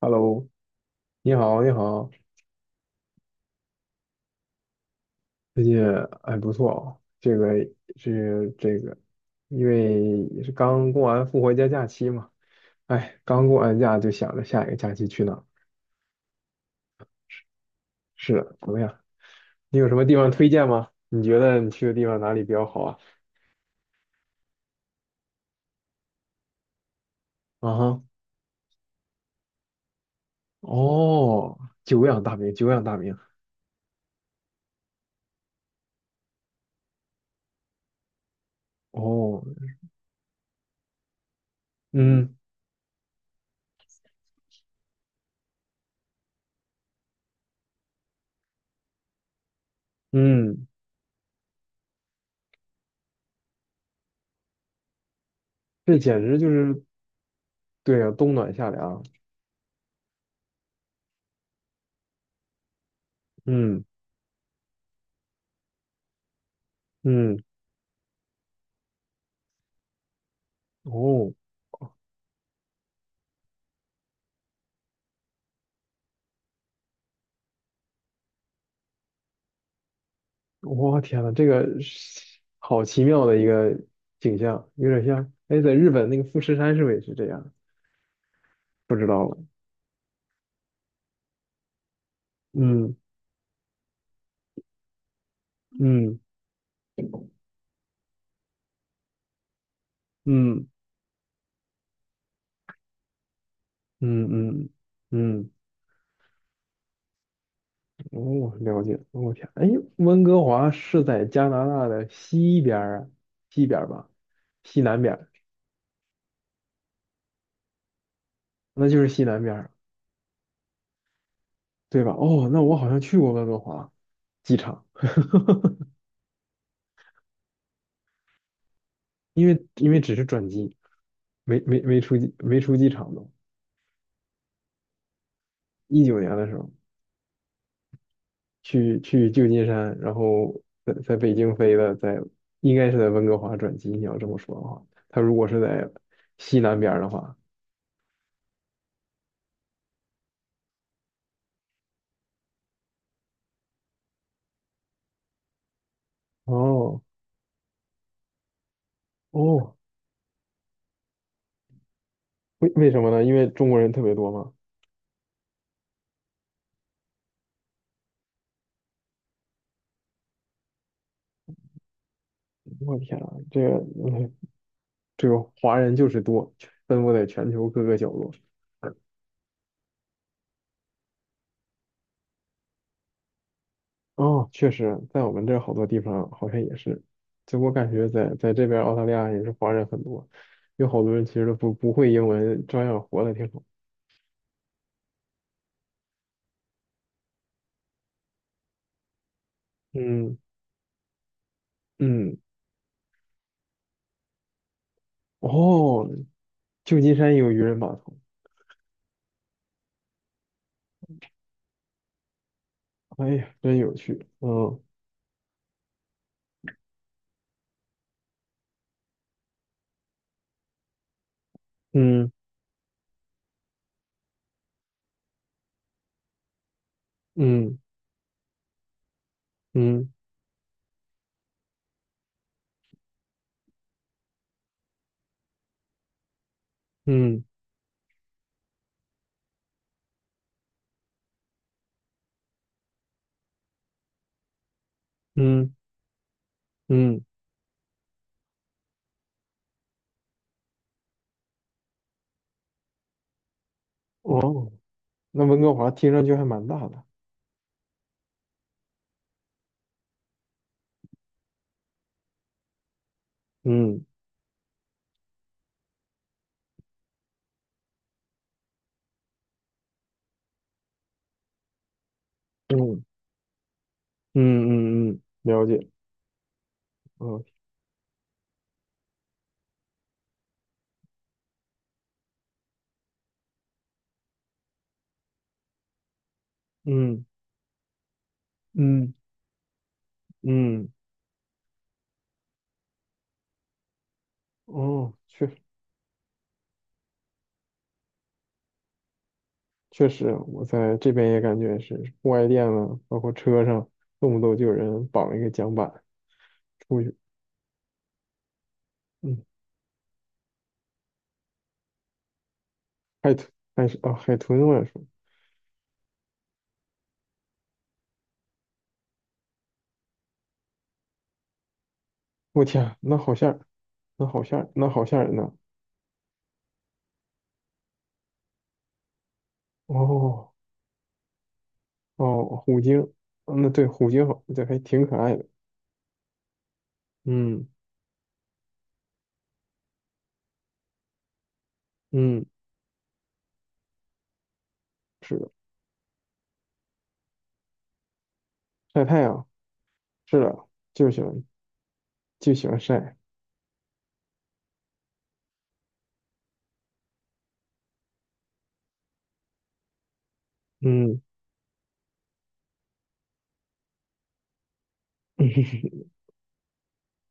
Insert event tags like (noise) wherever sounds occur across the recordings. Hello，你好，你好，最近还不错哦。这个是这个，因为也是刚过完复活节假期嘛，哎，刚过完假就想着下一个假期去哪儿。是的，怎么样？你有什么地方推荐吗？你觉得你去的地方哪里比较好啊？啊哈，哦，久仰大名，久仰大名。哦，嗯嗯，这简直就是。对啊，冬暖夏凉。嗯嗯，哦。我天呐，这个是好奇妙的一个景象，有点像，哎，在日本那个富士山是不是也是这样？不知道了。嗯嗯嗯嗯嗯嗯，哦，了解。我天，哎，温哥华是在加拿大的西边儿啊，西边儿吧，西南边儿，那就是西南边儿，对吧？哦，那我好像去过温哥华机场，因为只是转机，没出机场都，19年的时候。去旧金山，然后在北京飞的，应该是在温哥华转机。你要这么说的话，他如果是在西南边儿的话，哦哦，为什么呢？因为中国人特别多嘛。我天啊，嗯这个华人就是多，分布在全球各个角落。哦，确实，在我们这儿好多地方好像也是，就我感觉在这边澳大利亚也是华人很多，有好多人其实都不会英文，照样活得挺好。嗯嗯，哦，旧金山有渔人码头，哎呀，真有趣。嗯嗯嗯嗯嗯嗯嗯，哦，那温哥华听上去还蛮大的。嗯嗯嗯嗯嗯，了解。嗯嗯嗯嗯，哦，确实，我在这边也感觉是户外店了，包括车上，动不动就有人绑一个桨板出去。嗯，海豚，还是啊，海豚我也说。我天，那好吓人，那好吓人，那好吓人呐！哦哦，虎鲸，那对虎鲸好，对，还挺可爱的。嗯嗯，是的，晒太阳，是的，就喜欢就喜欢晒。嗯，(laughs)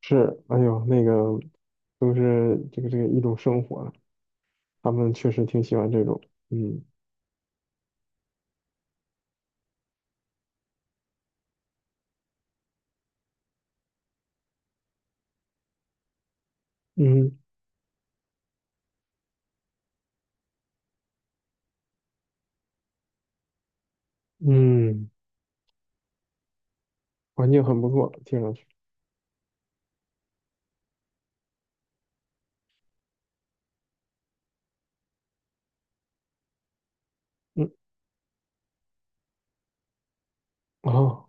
是，哎呦，那个都是这个一种生活了。他们确实挺喜欢这种。嗯嗯嗯，环境很不错，听上去。嗯哦，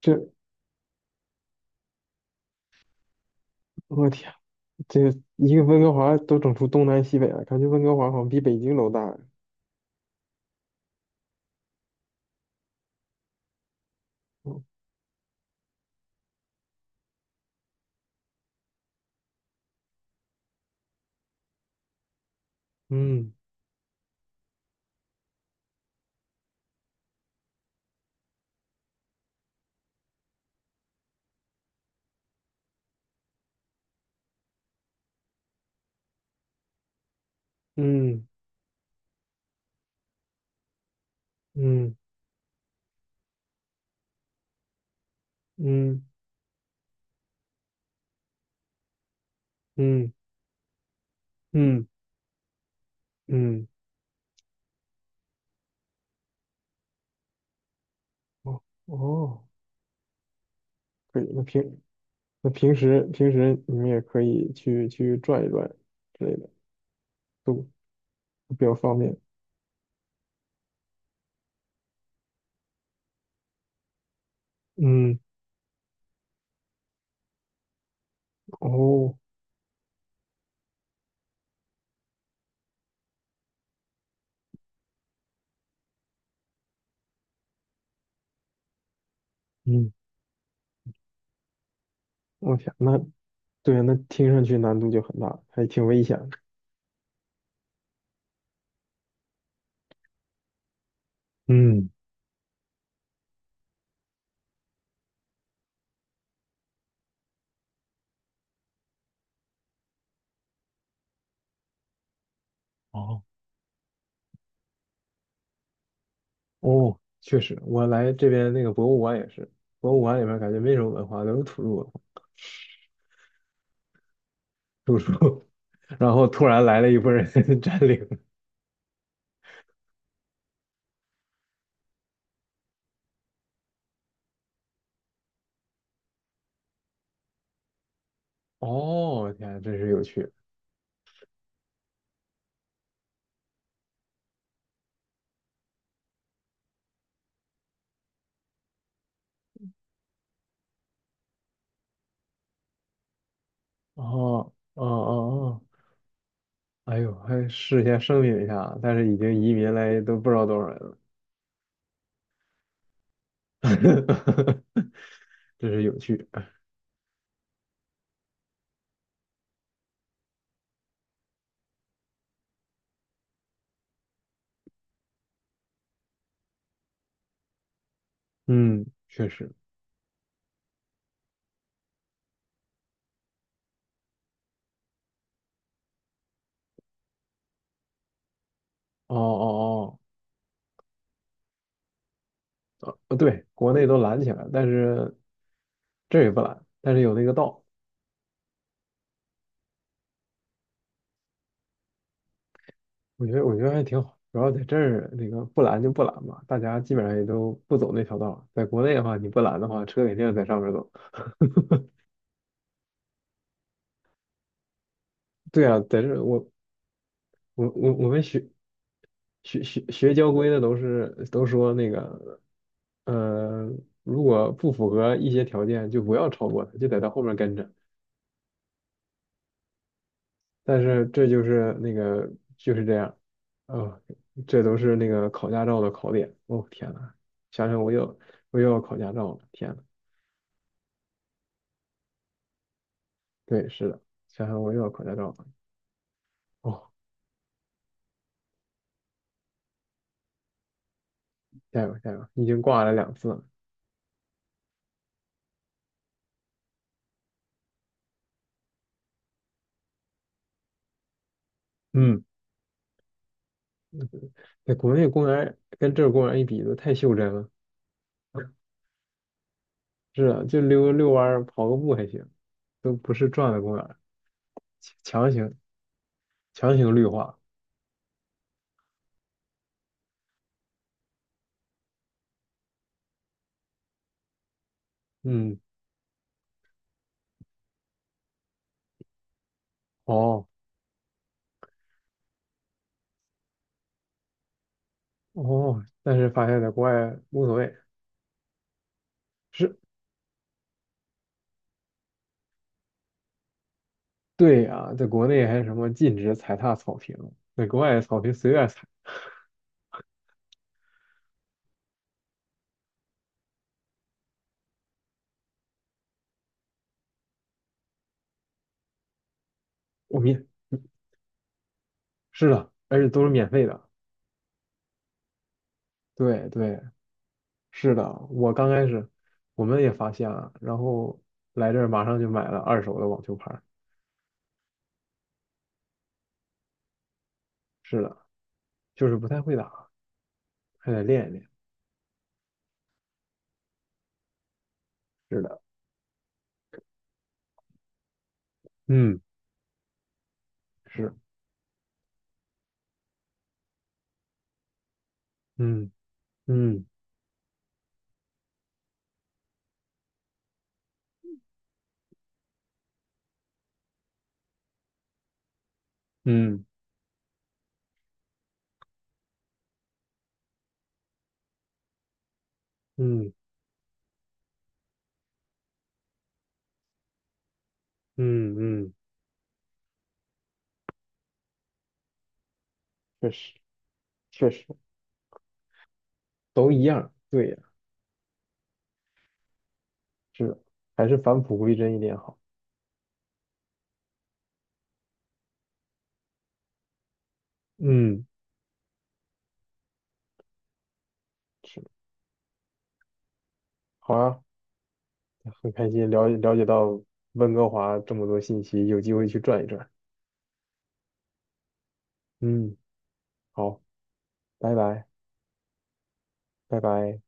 这我天，这个一个温哥华都整出东南西北了，感觉温哥华好像比北京都大呀。嗯嗯嗯嗯嗯嗯嗯，哦哦，可以。那平那平时平时你们也可以去转一转之类的，都都比较方便。嗯哦嗯，我天，那对啊，那听上去难度就很大，还挺危险的。嗯。哦哦，确实，我来这边那个博物馆也是，博物馆里面感觉没什么文化，都是土著文化 (laughs) 土著，(laughs) 然后突然来了一波人 (laughs) 占领。哦，天，真是有趣。哦，哦哦哦，哎呦，还事先声明一下啊，但是已经移民来都不知道多少人了，(laughs) 真是有趣。嗯，确实。哦哦哦，哦对，国内都拦起来了，但是这也不拦，但是有那个道。我觉得还挺好，主要在这儿那个不拦就不拦吧，大家基本上也都不走那条道儿。在国内的话，你不拦的话，车肯定在上面走。对啊，在这儿我们学交规的都说那个，呃，如果不符合一些条件，就不要超过他，就在到后面跟着。但是这就是那个就是这样，啊、这都是那个考驾照的考点。哦，天呐，想想我又要考驾照了，天呐。对，是的，想想我又要考驾照了。哦，加油加油！已经挂了2次了。嗯，在国内公园儿跟这儿公园儿一比，都太袖珍了。是啊就溜溜弯儿、跑个步还行，都不是转的公园儿。强行强行绿化。嗯，哦哦，但是发现在国外无所谓。是，对呀、在国内还什么禁止踩踏草坪，在国外草坪随便踩，我们是的，而且都是免费的。对对，是的，我刚开始我们也发现了，然后来这儿马上就买了二手的网球拍儿。是的，就是不太会打，还得练一练。是的，嗯，是，嗯嗯嗯嗯嗯嗯，确实确实都一样。对呀，是的。还是返璞归真一点好。嗯，是，好啊，很开心了解了解到温哥华这么多信息，有机会去转一转。嗯，好，拜拜，拜拜。